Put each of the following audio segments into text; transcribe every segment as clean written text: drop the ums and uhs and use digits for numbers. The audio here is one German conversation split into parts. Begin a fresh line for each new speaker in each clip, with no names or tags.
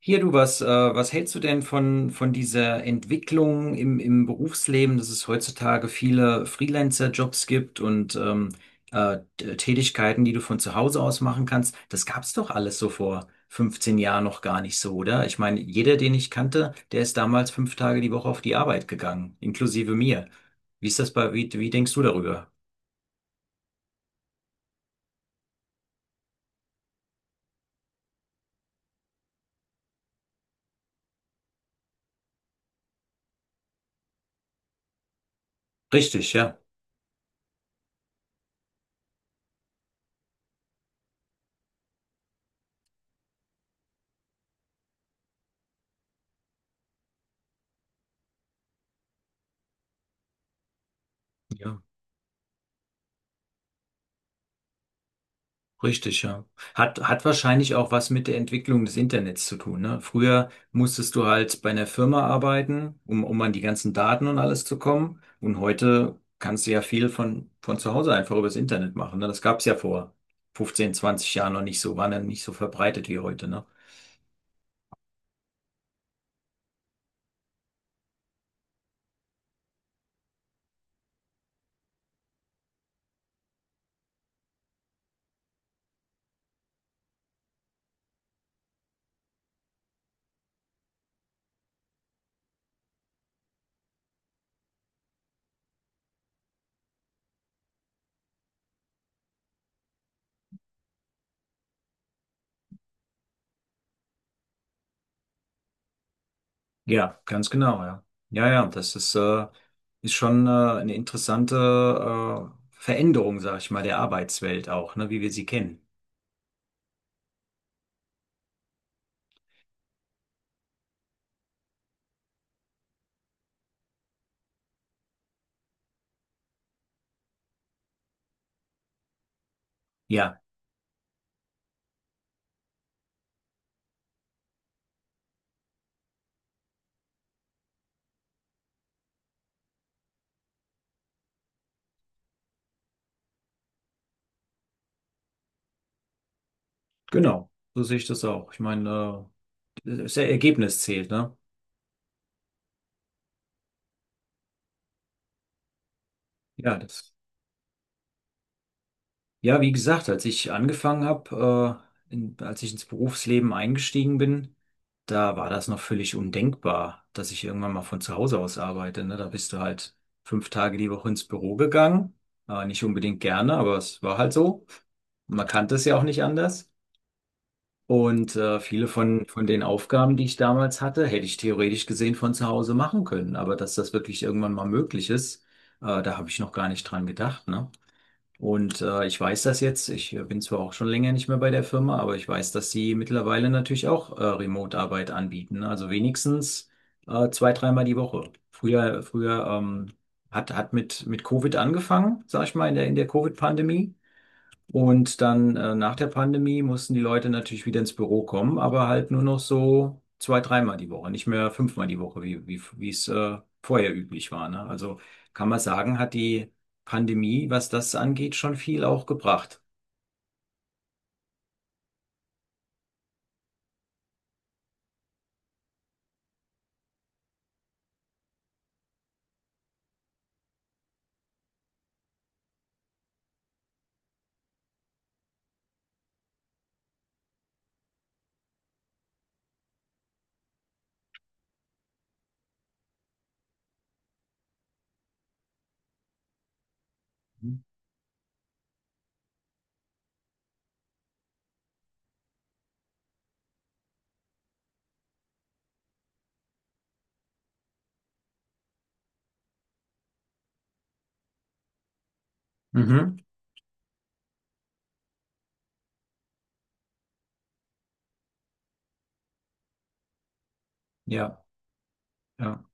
Hier, du, was hältst du denn von dieser Entwicklung im Berufsleben, dass es heutzutage viele Freelancer-Jobs gibt und Tätigkeiten, die du von zu Hause aus machen kannst? Das gab es doch alles so vor 15 Jahren noch gar nicht so, oder? Ich meine, jeder, den ich kannte, der ist damals 5 Tage die Woche auf die Arbeit gegangen, inklusive mir. Wie ist das wie denkst du darüber? Richtig, ja. Ja. Richtig, ja. Hat wahrscheinlich auch was mit der Entwicklung des Internets zu tun, ne? Früher musstest du halt bei einer Firma arbeiten, um an die ganzen Daten und alles zu kommen. Und heute kannst du ja viel von zu Hause einfach übers Internet machen, ne? Das gab es ja vor 15, 20 Jahren noch nicht so, war dann nicht so verbreitet wie heute, ne? Ja, ganz genau, ja. Das ist schon, eine interessante, Veränderung, sag ich mal, der Arbeitswelt auch, ne? Wie wir sie kennen. Ja. Genau, so sehe ich das auch. Ich meine, das Ergebnis zählt, ne? Ja, das. Ja, wie gesagt, als ich angefangen habe, als ich ins Berufsleben eingestiegen bin, da war das noch völlig undenkbar, dass ich irgendwann mal von zu Hause aus arbeite, ne? Da bist du halt 5 Tage die Woche ins Büro gegangen. Nicht unbedingt gerne, aber es war halt so. Man kannte es ja auch nicht anders. Und viele von den Aufgaben, die ich damals hatte, hätte ich theoretisch gesehen von zu Hause machen können. Aber dass das wirklich irgendwann mal möglich ist, da habe ich noch gar nicht dran gedacht, ne? Und ich weiß das jetzt, ich bin zwar auch schon länger nicht mehr bei der Firma, aber ich weiß, dass sie mittlerweile natürlich auch Remote-Arbeit anbieten, ne? Also wenigstens 2, 3-mal die Woche. Früher mit Covid angefangen, sag ich mal, in der Covid-Pandemie. Und dann nach der Pandemie mussten die Leute natürlich wieder ins Büro kommen, aber halt nur noch so 2, 3-mal die Woche, nicht mehr 5-mal die Woche, wie es vorher üblich war, ne? Also kann man sagen, hat die Pandemie, was das angeht, schon viel auch gebracht. Mhm. Ja, ja.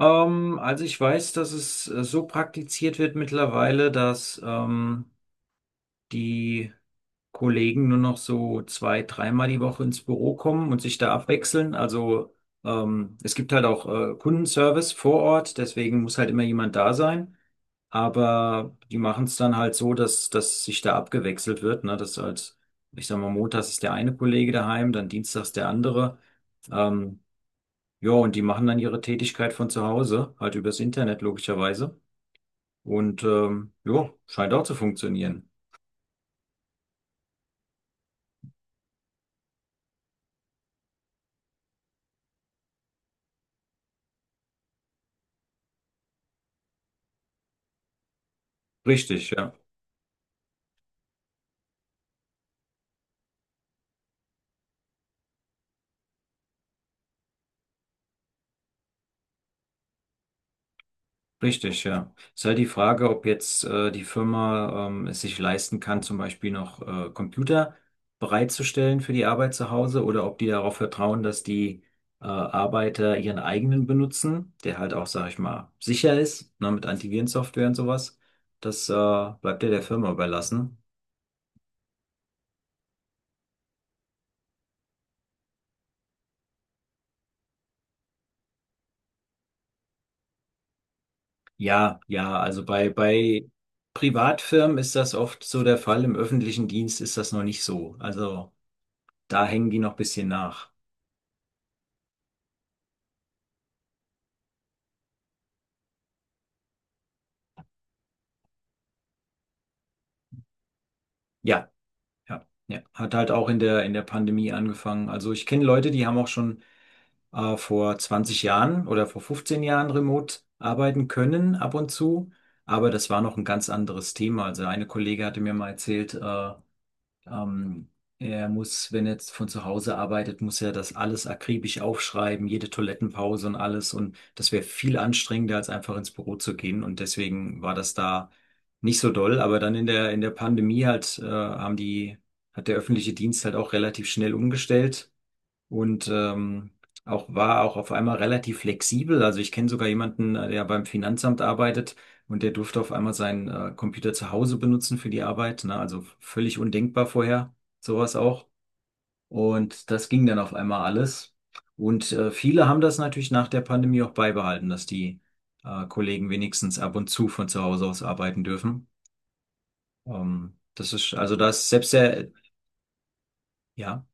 Also ich weiß, dass es so praktiziert wird mittlerweile, dass die Kollegen nur noch so 2, 3-mal die Woche ins Büro kommen und sich da abwechseln. Also es gibt halt auch Kundenservice vor Ort, deswegen muss halt immer jemand da sein. Aber die machen es dann halt so, dass sich da abgewechselt wird, ne? Dass halt, ich sag mal, montags ist der eine Kollege daheim, dann dienstags der andere. Ähm, ja, und die machen dann ihre Tätigkeit von zu Hause, halt übers Internet logischerweise. Und ja, scheint auch zu funktionieren. Richtig, ja. Richtig, ja. Es ist halt die Frage, ob jetzt die Firma es sich leisten kann, zum Beispiel noch Computer bereitzustellen für die Arbeit zu Hause oder ob die darauf vertrauen, dass die Arbeiter ihren eigenen benutzen, der halt auch, sag ich mal, sicher ist, ne, mit Antivirensoftware und sowas. Das bleibt ja der Firma überlassen. Ja, ja, also bei Privatfirmen ist das oft so der Fall, im öffentlichen Dienst ist das noch nicht so. Also da hängen die noch ein bisschen nach. Ja. Ja, ja, hat halt auch in der Pandemie angefangen. Also ich kenne Leute, die haben auch schon vor 20 Jahren oder vor 15 Jahren remote arbeiten können ab und zu, aber das war noch ein ganz anderes Thema. Also eine Kollegin hatte mir mal erzählt, ähm, er muss, wenn er jetzt von zu Hause arbeitet, muss er das alles akribisch aufschreiben, jede Toilettenpause und alles. Und das wäre viel anstrengender, als einfach ins Büro zu gehen. Und deswegen war das da nicht so doll. Aber dann in der Pandemie halt, hat der öffentliche Dienst halt auch relativ schnell umgestellt und auch war auch auf einmal relativ flexibel. Also ich kenne sogar jemanden, der beim Finanzamt arbeitet und der durfte auf einmal seinen Computer zu Hause benutzen für die Arbeit. Ne? Also völlig undenkbar vorher, sowas auch. Und das ging dann auf einmal alles. Und viele haben das natürlich nach der Pandemie auch beibehalten, dass die Kollegen wenigstens ab und zu von zu Hause aus arbeiten dürfen. Das ist, also das selbst der, ja.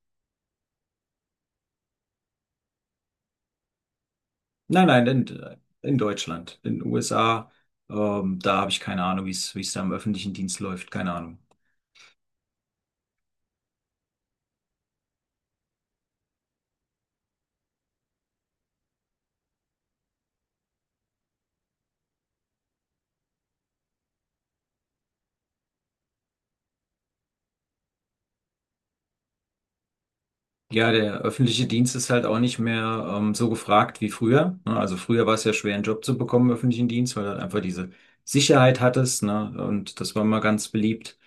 Nein, nein, in Deutschland. In den USA, da habe ich keine Ahnung, wie es da im öffentlichen Dienst läuft. Keine Ahnung. Ja, der öffentliche Dienst ist halt auch nicht mehr so gefragt wie früher, ne? Also früher war es ja schwer, einen Job zu bekommen im öffentlichen Dienst, weil du halt einfach diese Sicherheit hattest, ne? Und das war mal ganz beliebt.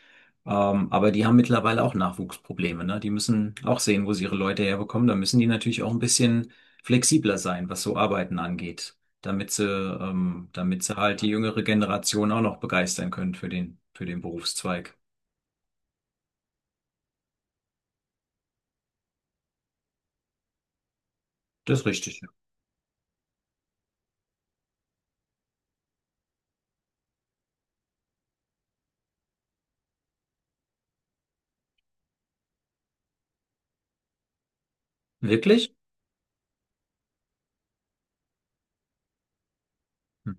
Aber die haben mittlerweile auch Nachwuchsprobleme, ne? Die müssen auch sehen, wo sie ihre Leute herbekommen. Da müssen die natürlich auch ein bisschen flexibler sein, was so Arbeiten angeht, damit sie, damit sie halt die jüngere Generation auch noch begeistern können für für den Berufszweig. Das ist richtig, ja. Wirklich? Hm.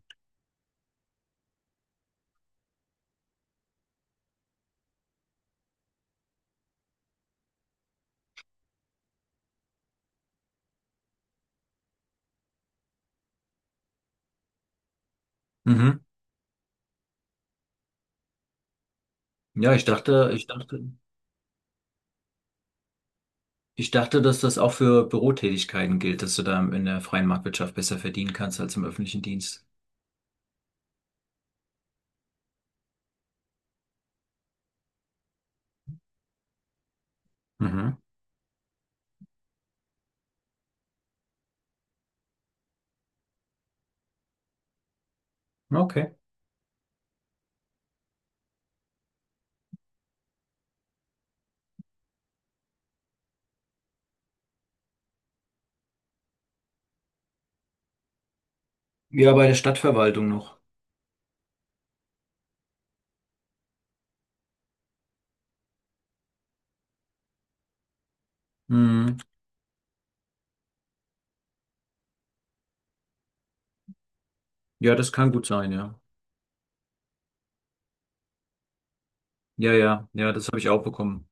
Mhm. Ja, ich dachte, ich dachte, Ich dachte, dass das auch für Bürotätigkeiten gilt, dass du da in der freien Marktwirtschaft besser verdienen kannst als im öffentlichen Dienst. Mhm. Okay. Ja, bei der Stadtverwaltung noch. Mhm. Ja, das kann gut sein, ja. Ja, ja, ja, das habe ich auch bekommen.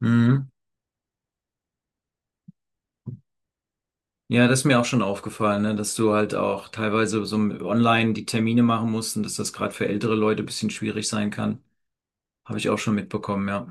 Mhm. Ja, das ist mir auch schon aufgefallen, ne, dass du halt auch teilweise so online die Termine machen musst und dass das gerade für ältere Leute ein bisschen schwierig sein kann. Habe ich auch schon mitbekommen, ja.